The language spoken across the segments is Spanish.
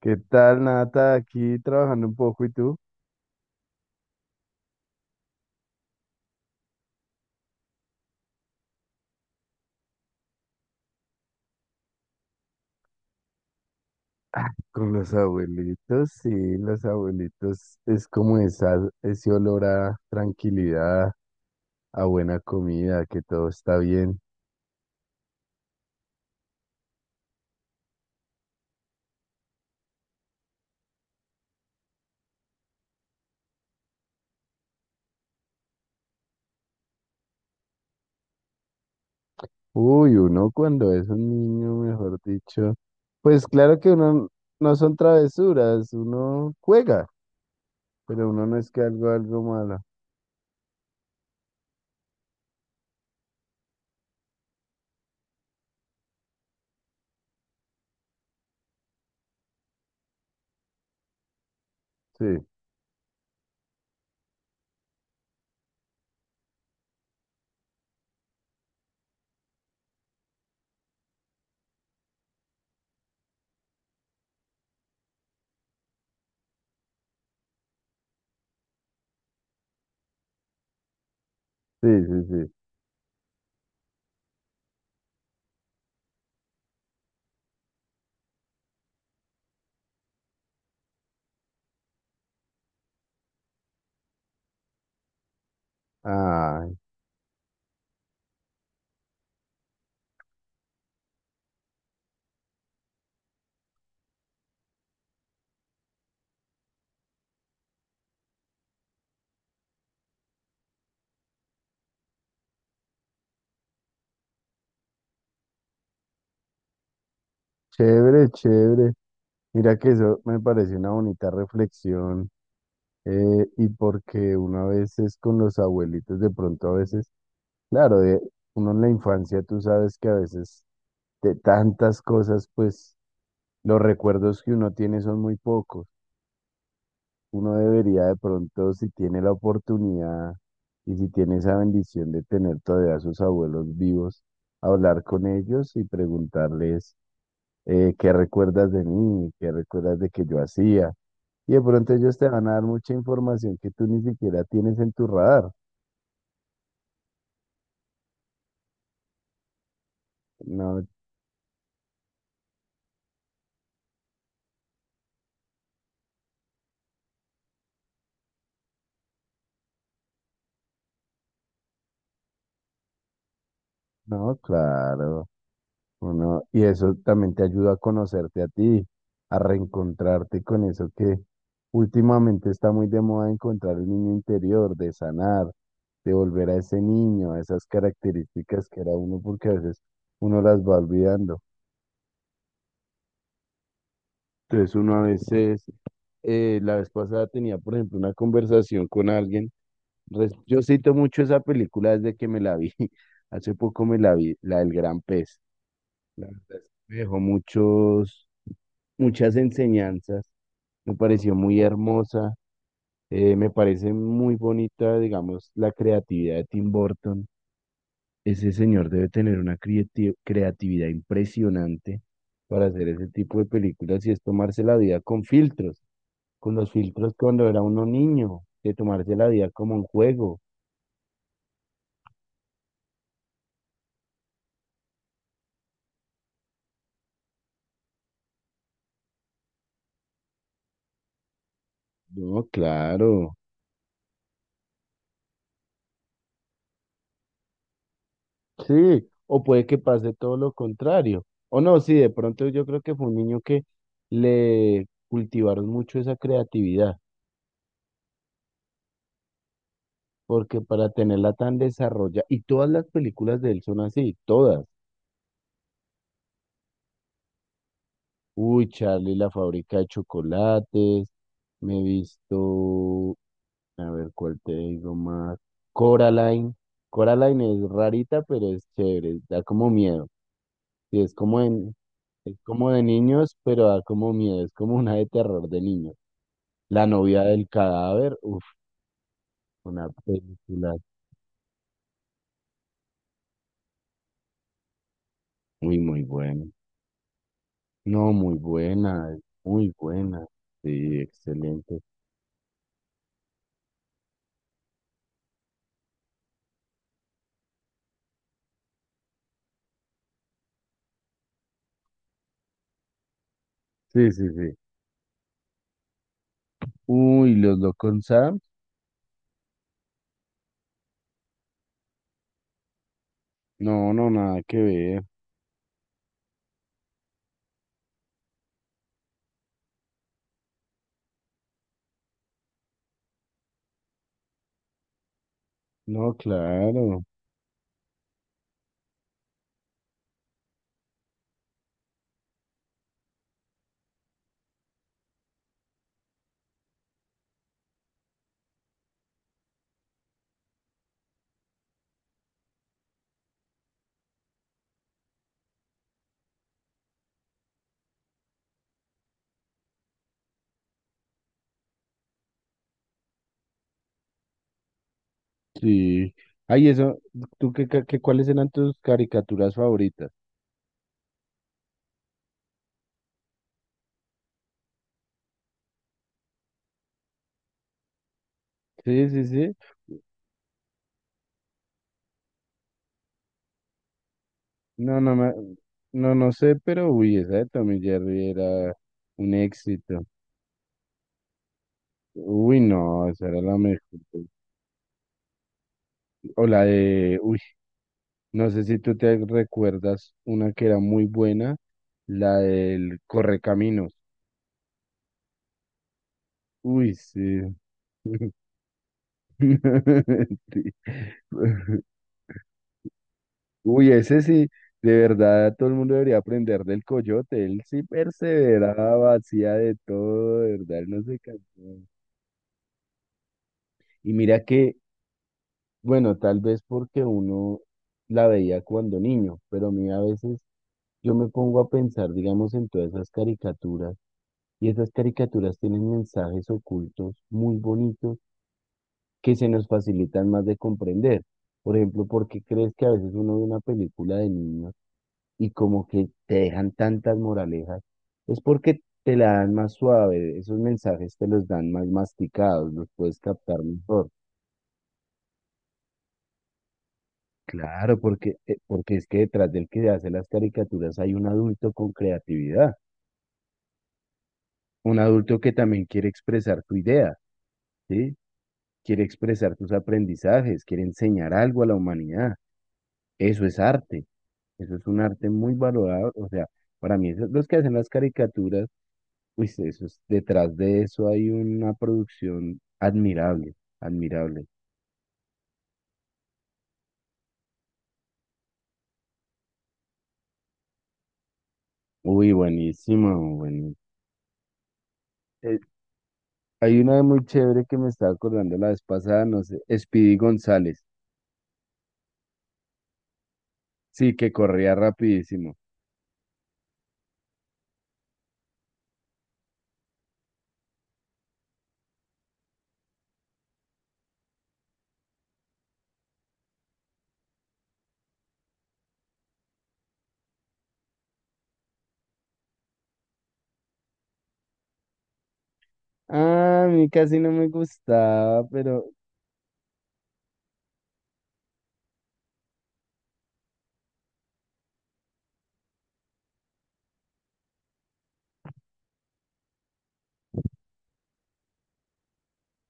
¿Qué tal, Nata? Aquí trabajando un poco, ¿y tú? Con los abuelitos, sí, los abuelitos es como ese olor a tranquilidad, a buena comida, que todo está bien. Uy, uno cuando es un niño, mejor dicho, pues claro que uno no son travesuras, uno juega, pero uno no es que algo malo. Sí, sí, sí, sí. Ay, chévere, chévere. Mira que eso me parece una bonita reflexión. Y porque una vez es con los abuelitos, de pronto a veces, claro, uno en la infancia tú sabes que a veces de tantas cosas, pues los recuerdos que uno tiene son muy pocos. Uno debería de pronto, si tiene la oportunidad y si tiene esa bendición de tener todavía a sus abuelos vivos, hablar con ellos y preguntarles qué recuerdas de mí, qué recuerdas de que yo hacía. Y de pronto ellos te van a dar mucha información que tú ni siquiera tienes en tu radar. No, no, claro. Uno, y eso también te ayuda a conocerte a ti, a reencontrarte con eso que últimamente está muy de moda encontrar el niño interior, de sanar, de volver a ese niño, a esas características que era uno, porque a veces uno las va olvidando. Entonces uno a veces, la vez pasada tenía, por ejemplo, una conversación con alguien. Yo cito mucho esa película desde que me la vi. Hace poco me la vi, la del gran pez. La verdad es que me dejó muchas enseñanzas, me pareció muy hermosa, me parece muy bonita, digamos, la creatividad de Tim Burton. Ese señor debe tener una creatividad impresionante para hacer ese tipo de películas y es tomarse la vida con filtros, con los filtros cuando era uno niño, de tomarse la vida como un juego. No, claro. Sí, o puede que pase todo lo contrario. O no, sí, de pronto yo creo que fue un niño que le cultivaron mucho esa creatividad, porque para tenerla tan desarrollada, y todas las películas de él son así, todas. Uy, Charlie, la fábrica de chocolates, me he visto, a ver cuál te digo más, Coraline. Coraline es rarita, pero es chévere, da como miedo. Sí, es como de niños, pero da como miedo, es como una de terror de niños. La novia del cadáver, uf, una película muy, muy buena. No, muy buena, muy buena. Sí, excelente. Sí, sí, sí. Uy, los locos Sam. No, no, nada que ver. No, claro. Sí. Ay, eso, ¿tú cuáles eran tus caricaturas favoritas? Sí, sí, sí. No, no, no, no sé, pero uy, esa de Tommy Jerry era un éxito. Uy, no, esa era la mejor. Uy, no sé si tú te recuerdas una que era muy buena, la del Correcaminos. Uy, sí. Sí. Uy, ese sí, de verdad todo el mundo debería aprender del Coyote. Él sí perseveraba, hacía de todo, de verdad, él no se cansó. Y mira que, bueno, tal vez porque uno la veía cuando niño, pero a mí a veces yo me pongo a pensar, digamos, en todas esas caricaturas. Y esas caricaturas tienen mensajes ocultos muy bonitos que se nos facilitan más de comprender. Por ejemplo, ¿por qué crees que a veces uno ve una película de niños y como que te dejan tantas moralejas? Es porque te la dan más suave, esos mensajes te los dan más masticados, los puedes captar mejor. Claro, porque es que detrás del que hace las caricaturas hay un adulto con creatividad, un adulto que también quiere expresar su idea, ¿sí? Quiere expresar tus aprendizajes, quiere enseñar algo a la humanidad. Eso es arte, eso es un arte muy valorado. O sea, para mí, los que hacen las caricaturas, uy, detrás de eso hay una producción admirable, admirable. Uy, buenísimo, bueno. Eh, hay una muy chévere que me estaba acordando la vez pasada, no sé, Speedy González. Sí, que corría rapidísimo. Ah, a mí casi no me gustaba, pero.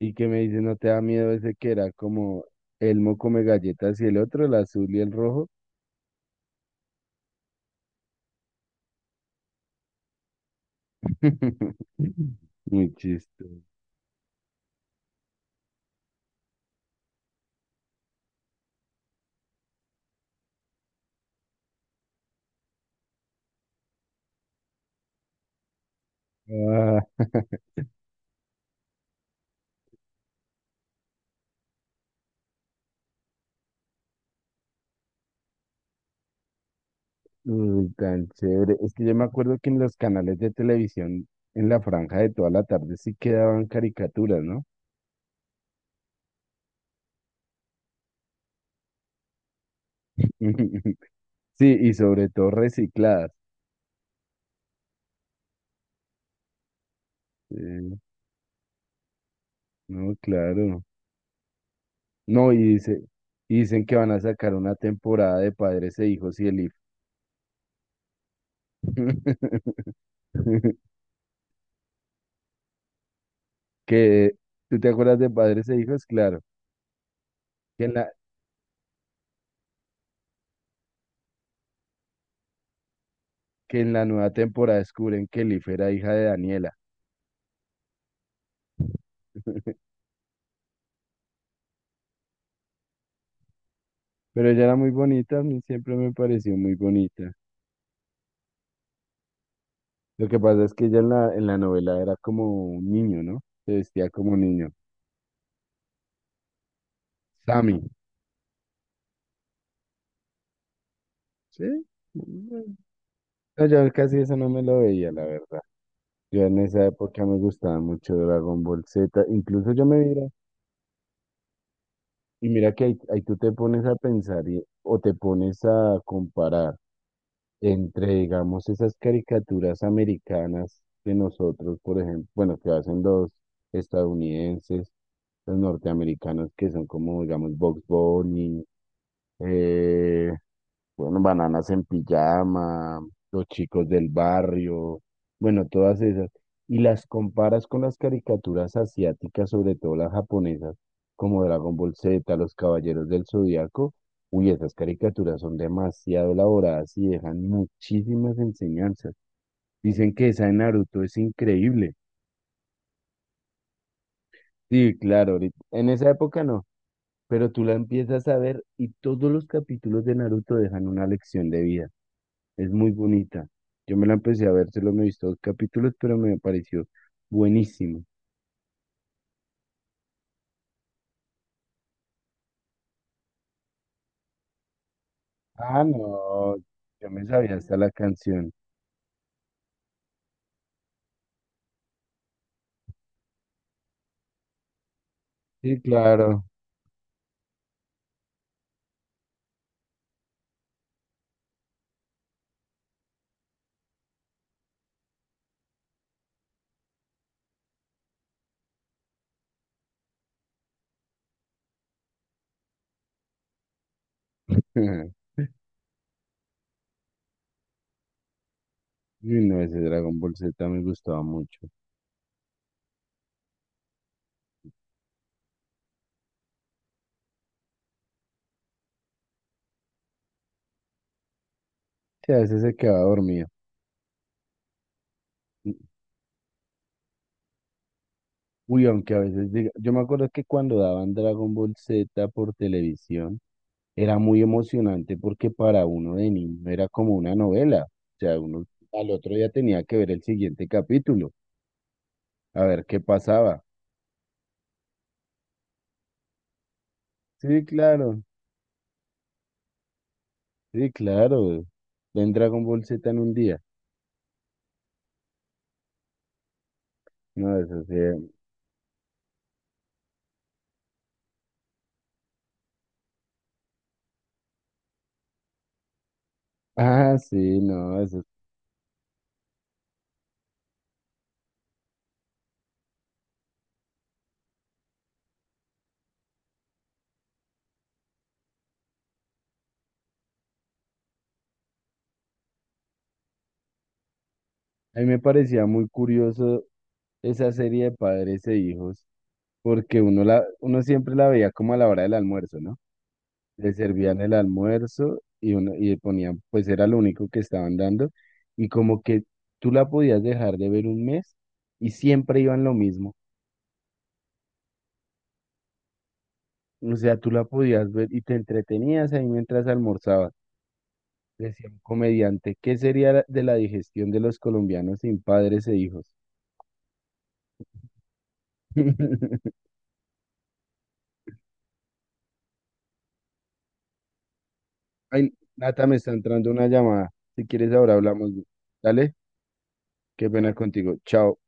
Y que me dice, ¿no te da miedo ese que era como Elmo come galletas y el otro, el azul y el rojo? Muy chistoso. Ah, uy, tan chévere. Es que yo me acuerdo que en los canales de televisión, en la franja de toda la tarde, sí quedaban caricaturas, ¿no? Sí, y sobre todo recicladas. Sí, no, claro. No, y dicen que van a sacar una temporada de Padres e Hijos y el IF. Que, ¿Tú te acuerdas de Padres e Hijos? Claro. que en la, que en la nueva temporada descubren que Elif era hija de Daniela. Pero ella era muy bonita, a mí siempre me pareció muy bonita. Lo que pasa es que ella en la novela era como un niño, ¿no? Se vestía como un niño. Sammy, ¿sí? Mm, no, yo casi eso no me lo veía, la verdad. Yo en esa época me gustaba mucho Dragon Ball Z. Incluso yo me mira, y mira que ahí tú te pones a pensar o te pones a comparar. Entre, digamos, esas caricaturas americanas que nosotros, por ejemplo, bueno, que hacen los estadounidenses, los norteamericanos, que son como, digamos, Bugs Bunny, eh, bueno, bananas en pijama, los chicos del barrio, bueno, todas esas. Y las comparas con las caricaturas asiáticas, sobre todo las japonesas, como Dragon Ball Z, Los Caballeros del Zodiaco. Uy, esas caricaturas son demasiado elaboradas y dejan muchísimas enseñanzas. Dicen que esa de Naruto es increíble. Sí, claro, en esa época no, pero tú la empiezas a ver y todos los capítulos de Naruto dejan una lección de vida. Es muy bonita. Yo me la empecé a ver, solo me he visto dos capítulos, pero me pareció buenísimo. Ah, no, yo me sabía hasta la canción. Sí, claro. Uy, no, ese Dragon Ball Z me gustaba mucho. Sí, a veces se quedaba dormido. Uy, aunque a veces diga, yo me acuerdo que cuando daban Dragon Ball Z por televisión, era muy emocionante porque para uno de niño era como una novela. O sea, uno al otro día tenía que ver el siguiente capítulo, a ver qué pasaba. Sí, claro. Sí, claro. En Dragon Ball Z en un día. No, eso sí. Ah, sí, no, eso. A mí me parecía muy curioso esa serie de Padres e Hijos, porque uno siempre la veía como a la hora del almuerzo, ¿no? Le servían el almuerzo y ponían, pues era lo único que estaban dando, y como que tú la podías dejar de ver un mes y siempre iban lo mismo. O sea, tú la podías ver y te entretenías ahí mientras almorzabas. Decía un comediante, ¿qué sería de la digestión de los colombianos sin Padres e Hijos? Ay, Nata, me está entrando una llamada. Si quieres, ahora hablamos. Dale, qué pena contigo. Chao.